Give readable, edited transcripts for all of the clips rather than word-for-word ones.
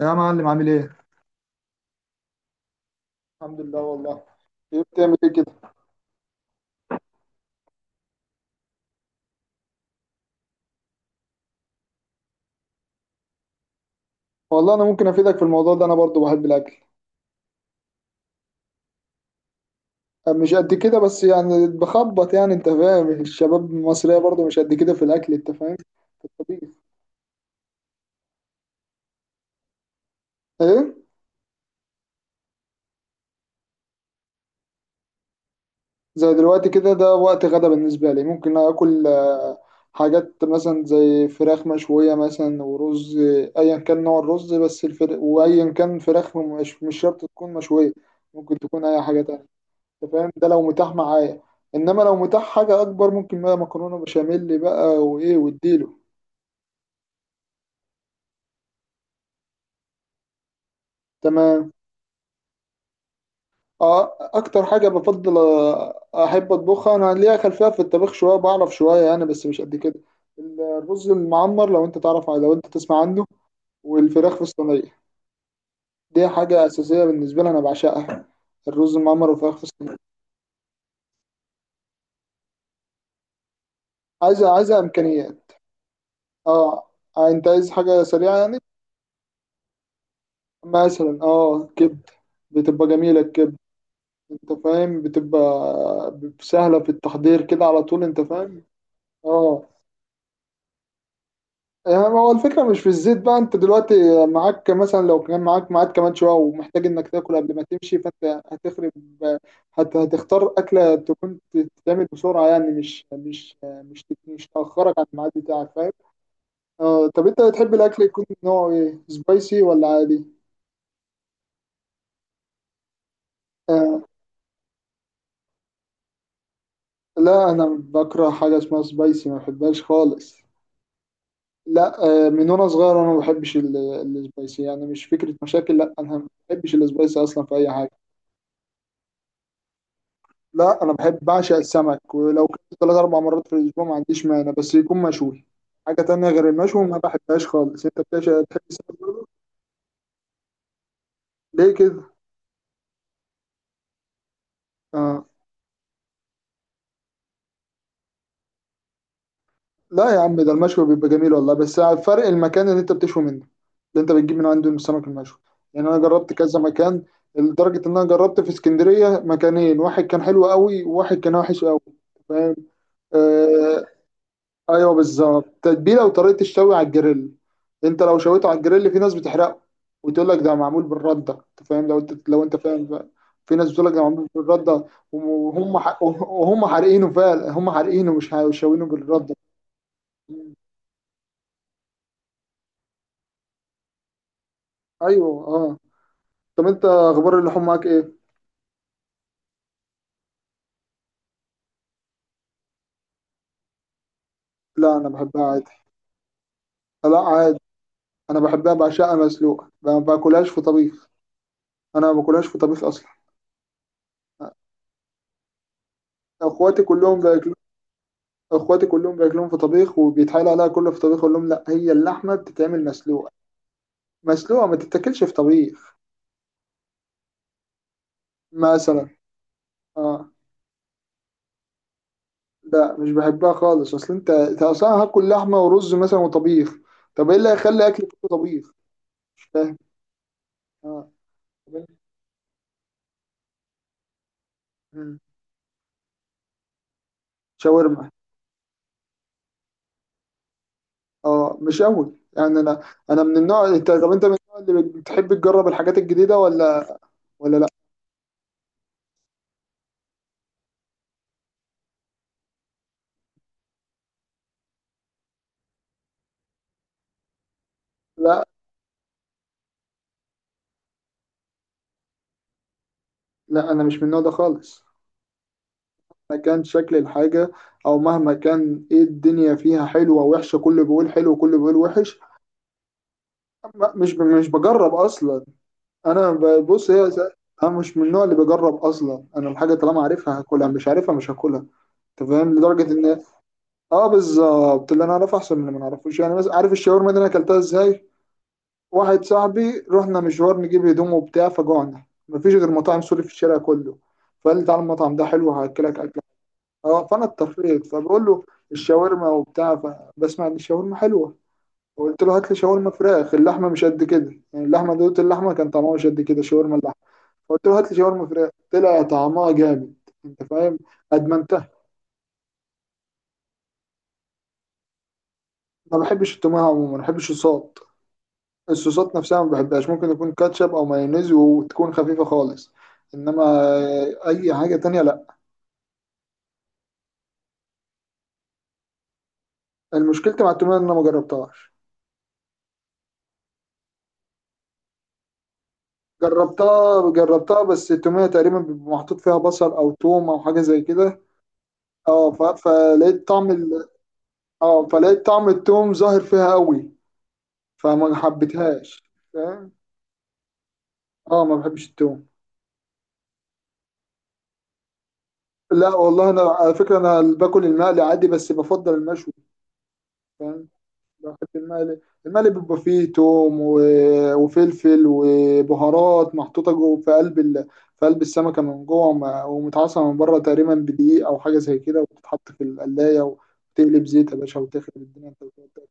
يا معلم عامل ايه؟ الحمد لله والله. ايه بتعمل ايه كده؟ والله انا ممكن افيدك في الموضوع ده، انا برضو بحب الاكل. مش قد كده، بس يعني بخبط، يعني انت فاهم، الشباب المصريه برضو مش قد كده في الاكل، انت فاهم. في الطبيخ. ايه؟ زي دلوقتي كده، ده وقت غدا بالنسبه لي. ممكن اكل حاجات مثلا زي فراخ مشويه مثلا ورز، ايا كان نوع الرز، بس الفرق، وايا كان فراخ، مش شرط تكون مشويه، ممكن تكون اي حاجه تانية. انت فاهم، ده لو متاح معايا، انما لو متاح حاجه اكبر، ممكن بقى مكرونه بشاميل بقى وايه واديله. تمام. اه اكتر حاجه بفضل احب اطبخها، انا ليا خلفيه في الطبخ شويه، بعرف شويه انا، بس مش قد كده. الرز المعمر، لو انت تعرف، لو انت تسمع عنه، والفراخ في الصينيه. دي حاجه اساسيه بالنسبه لي، انا بعشقها، الرز المعمر والفراخ في الصينيه. عايزه امكانيات. اه. انت عايز حاجه سريعه يعني. مثلا اه كبده، بتبقى جميله الكبده، انت فاهم، بتبقى سهلة في التحضير كده على طول، انت فاهم. اه. يعني هو الفكرة مش في الزيت بقى. انت دلوقتي معاك، مثلا لو كان معاك ميعاد كمان شوية، ومحتاج انك تاكل قبل ما تمشي، فانت هتختار أكلة تكون تتعمل بسرعة، يعني مش تأخرك عن الميعاد بتاعك، فاهم. اه. طب انت بتحب الأكل يكون نوعه ايه، سبايسي ولا عادي؟ آه. لا انا بكره حاجة اسمها سبايسي، ما بحبهاش خالص. لا، من وانا صغير انا ما بحبش السبايسي، يعني مش فكره مشاكل، لا انا ما بحبش السبايسي اصلا في اي حاجه. لا انا بحب بعشق السمك، ولو كنت ثلاث اربع مرات في الاسبوع ما عنديش مانع، بس يكون مشوي. حاجه تانية غير المشوي ما بحبهاش خالص. انت بتعشق تحب السمك برضه؟ ليه كده؟ آه. لا يا عم، ده المشوي بيبقى جميل والله، بس على الفرق المكان اللي انت بتشوي منه، اللي انت بتجيب من عنده السمك المشوي. يعني انا جربت كذا مكان، لدرجة ان انا جربت في اسكندرية مكانين، واحد كان حلو قوي وواحد كان وحش قوي، فاهم. آه. ايوه بالظبط، تتبيله وطريقه الشوي على الجريل. انت لو شويته على الجريل، في ناس بتحرقه وتقول لك ده معمول بالرده، انت فاهم؟ لو انت فاهم بقى. في ناس بتقول لك ده معمول بالرده، وهم حارقينه فعلا، هم حارقينه، مش شاوينه بالرده. ايوه اه. طب انت اخبار اللحوم معاك ايه؟ لا انا بحبها عادي. لا عادي، انا بحبها بعشقها مسلوقه، ما باكلهاش في طبيخ. انا ما باكلهاش في طبيخ اصلا. اخواتي كلهم بياكلوا، اخواتي كلهم بياكلوهم في طبيخ، وبيتحايل عليها كله في طبيخ، اقول لهم لا، هي اللحمه بتتعمل مسلوقه، مسلوقه ما تتاكلش في طبيخ. مثلا. اه. لا مش بحبها خالص، اصل انت اصلا هاكل لحمه ورز مثلا وطبيخ. طب ايه اللي هيخلي اكل كله طبيخ؟ مش فاهم. اه. طب إيه؟ مم. شاورما. اه مش قوي يعني. انا انا من النوع انت طب انت من النوع اللي بتحب تجرب الحاجات الجديده ولا ولا لا؟ لا لا، انا مش من النوع ده خالص، مهما كان شكل الحاجه، او مهما كان. ايه الدنيا فيها حلوه وحشه؟ كله بيقول حلو وكله بيقول وحش. مش بجرب اصلا. انا بص، انا مش من النوع اللي بجرب اصلا. انا الحاجه طالما عارفها هاكلها، مش عارفها مش هاكلها، انت فاهم، لدرجه ان، اه بالظبط، اللي انا اعرفه احسن من اللي ما اعرفوش. يعني مثلا عارف الشاورما دي انا اكلتها ازاي؟ واحد صاحبي رحنا مشوار نجيب هدوم وبتاع، فجوعنا، مفيش غير مطاعم سوري في الشارع كله. فقال لي تعالى المطعم ده حلو هاكلك اكله. اه، فانا اضطريت، فبقول له الشاورما وبتاع، فبسمع ان الشاورما حلوه، فقلت له هات لي شاورما فراخ، اللحمه مش قد كده يعني، اللحمه دوت اللحمه كان طعمها مش قد كده، شاورما اللحمه. فقلت له هات لي شاورما فراخ، طلع طعمها جامد، انت فاهم، ادمنتها. ما بحبش التومه عموما، ما بحبش الصوت، الصوصات نفسها ما بحبهاش. ممكن يكون كاتشب او مايونيز وتكون خفيفه خالص، انما اي حاجه تانية لا. المشكلة مع التوميه ان انا ما جربتهاش. جربتها بس التوميه تقريبا بيبقى محطوط فيها بصل او توم او حاجه زي كده. اه فلقيت طعم اه، فلقيت طعم التوم ظاهر فيها قوي، فما حبيتهاش، فاهم. اه ما بحبش التوم. لا والله، انا على فكره انا باكل المقلي عادي، بس بفضل المشوي، فاهم. بحب المقلي. المقلي بيبقى فيه توم وفلفل وبهارات محطوطة جوه في قلب في قلب السمكة من جوه، ومتعصرة من بره تقريبا بدقيق أو حاجة زي كده، وبتتحط في القلاية وتقلب زيت يا باشا، وتخرب الدنيا أنت، وتقعد تاكل.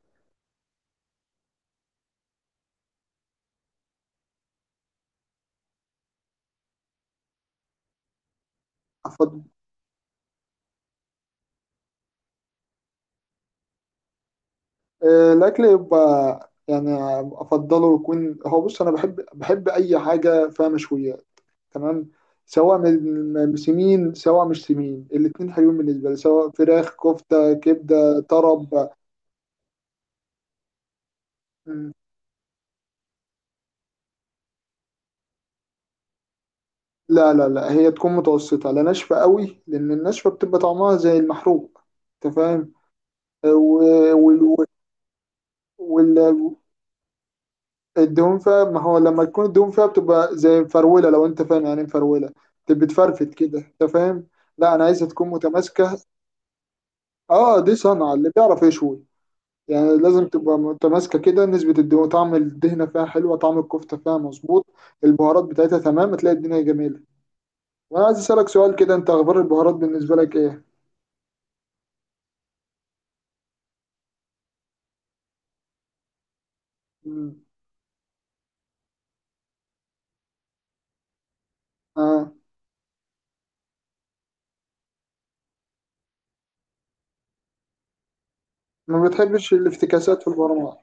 أفضل، الأكل يبقى يعني أفضله يكون، هو بص أنا بحب أي حاجة فيها مشويات، تمام، سواء من سمين سواء مش سمين، الاتنين حلوين بالنسبة لي، سواء فراخ كفتة كبدة طرب. لا لا لا، هي تكون متوسطة، لا ناشفة قوي، لأن الناشفة بتبقى طعمها زي المحروق، أنت فاهم. و- وال- وال- والدهون فيها، ما هو لما تكون الدهون فيها بتبقى زي مفرولة، لو أنت فاهم يعني إيه مفرولة، بتبقى بتفرفت كده، أنت فاهم. لا أنا عايزها تكون متماسكة. أه دي صنعة، اللي بيعرف يشوي يعني، لازم تبقى متماسكة كده، نسبة الدهون، طعم الدهنة فيها حلوة، طعم الكفتة فيها مظبوط، البهارات بتاعتها تمام، هتلاقي الدنيا جميلة. وأنا عايز أسألك سؤال كده، أنت أخبار البهارات بالنسبة لك إيه؟ مم. آه. ما بتحبش الافتكاسات في البرامج.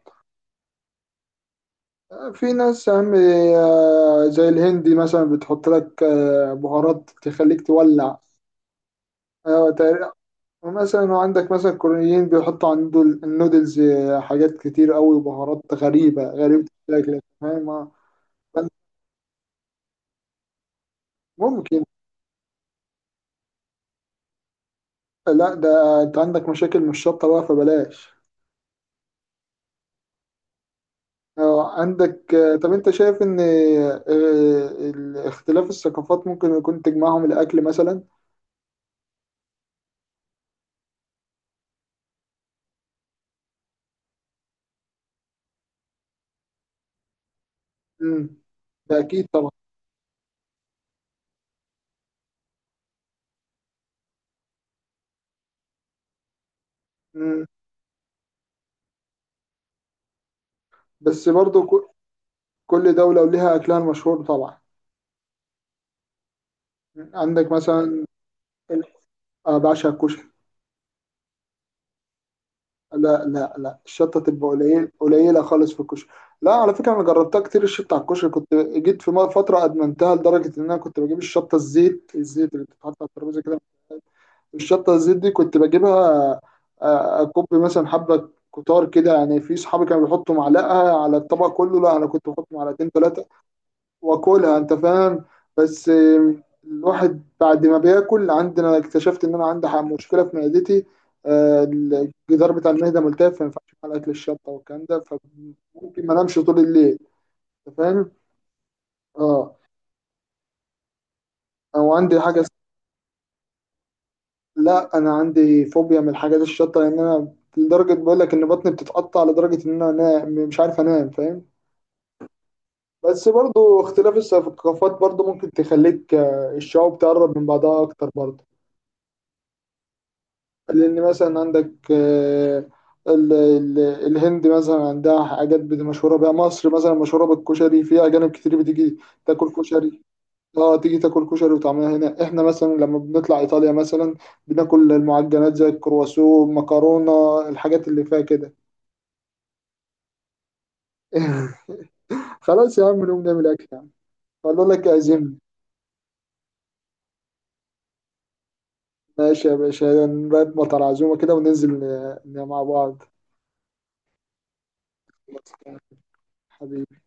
في ناس أهم آه، زي الهندي مثلا بتحط لك بهارات تخليك تولع. آه، تقريبا- ومثلا وعندك مثلا الكوريين بيحطوا على النودلز حاجات كتير أوي، بهارات غريبة غريبة الشكل، فاهم. آه. ممكن. لا ده انت عندك مشاكل مش شطة بقى، فبلاش. آه، عندك آه، طب انت شايف ان اختلاف الثقافات ممكن يكون تجمعهم الاكل مثلا؟ امم. ده اكيد طبعا. مم. بس برضو ك- كل دولة وليها أكلها المشهور طبعا. عندك مثلا، ال- أنا بعشق الكشري. لا لا لا، الشطة تبقى قليلة خالص في الكشري. لا، على فكرة أنا جربتها كتير، الشطة على الكشري، كنت جيت في مرة فترة أدمنتها، لدرجة إن أنا كنت بجيب الشطة الزيت، اللي بتتحط على الترابيزة كده، الشطة الزيت دي كنت بجيبها، أكب مثلا حبة كتار كده. يعني في صحابي كانوا بيحطوا معلقة على الطبق كله، لا أنا كنت بحط معلقتين ثلاثة واكلها، انت فاهم. بس الواحد بعد ما بياكل عندنا، اكتشفت ان انا عندي مشكله في معدتي، آه، الجدار بتاع المعده ملتف، فما ينفعش اكل الشطه والكلام ده، فممكن ما انامش طول الليل، انت فاهم. اه. او عندي حاجه اس- لا انا عندي فوبيا من الحاجات الشطه، لان انا لدرجه، بقول لك ان بطني بتتقطع، لدرجه ان انا أنا مش عارف انام، فاهم. بس برضو اختلاف الثقافات برضو ممكن تخليك، الشعوب تقرب من بعضها اكتر برضو. لأن مثلا عندك، الهند مثلا عندها حاجات مشهورة بيها. مصر مثلا مشهورة بالكشري، في أجانب كتير بتيجي تاكل كشري. اه تيجي تاكل كشري وطعمها هنا. احنا مثلا لما بنطلع إيطاليا مثلا بناكل المعجنات زي الكرواسو، مكرونة، الحاجات اللي فيها كده. خلاص يا عم نقوم نعمل أكل يعني، أقول لك أعزمني. ماشي يا باشا، نرتب على عزومة كده وننزل مع بعض. حبيبي.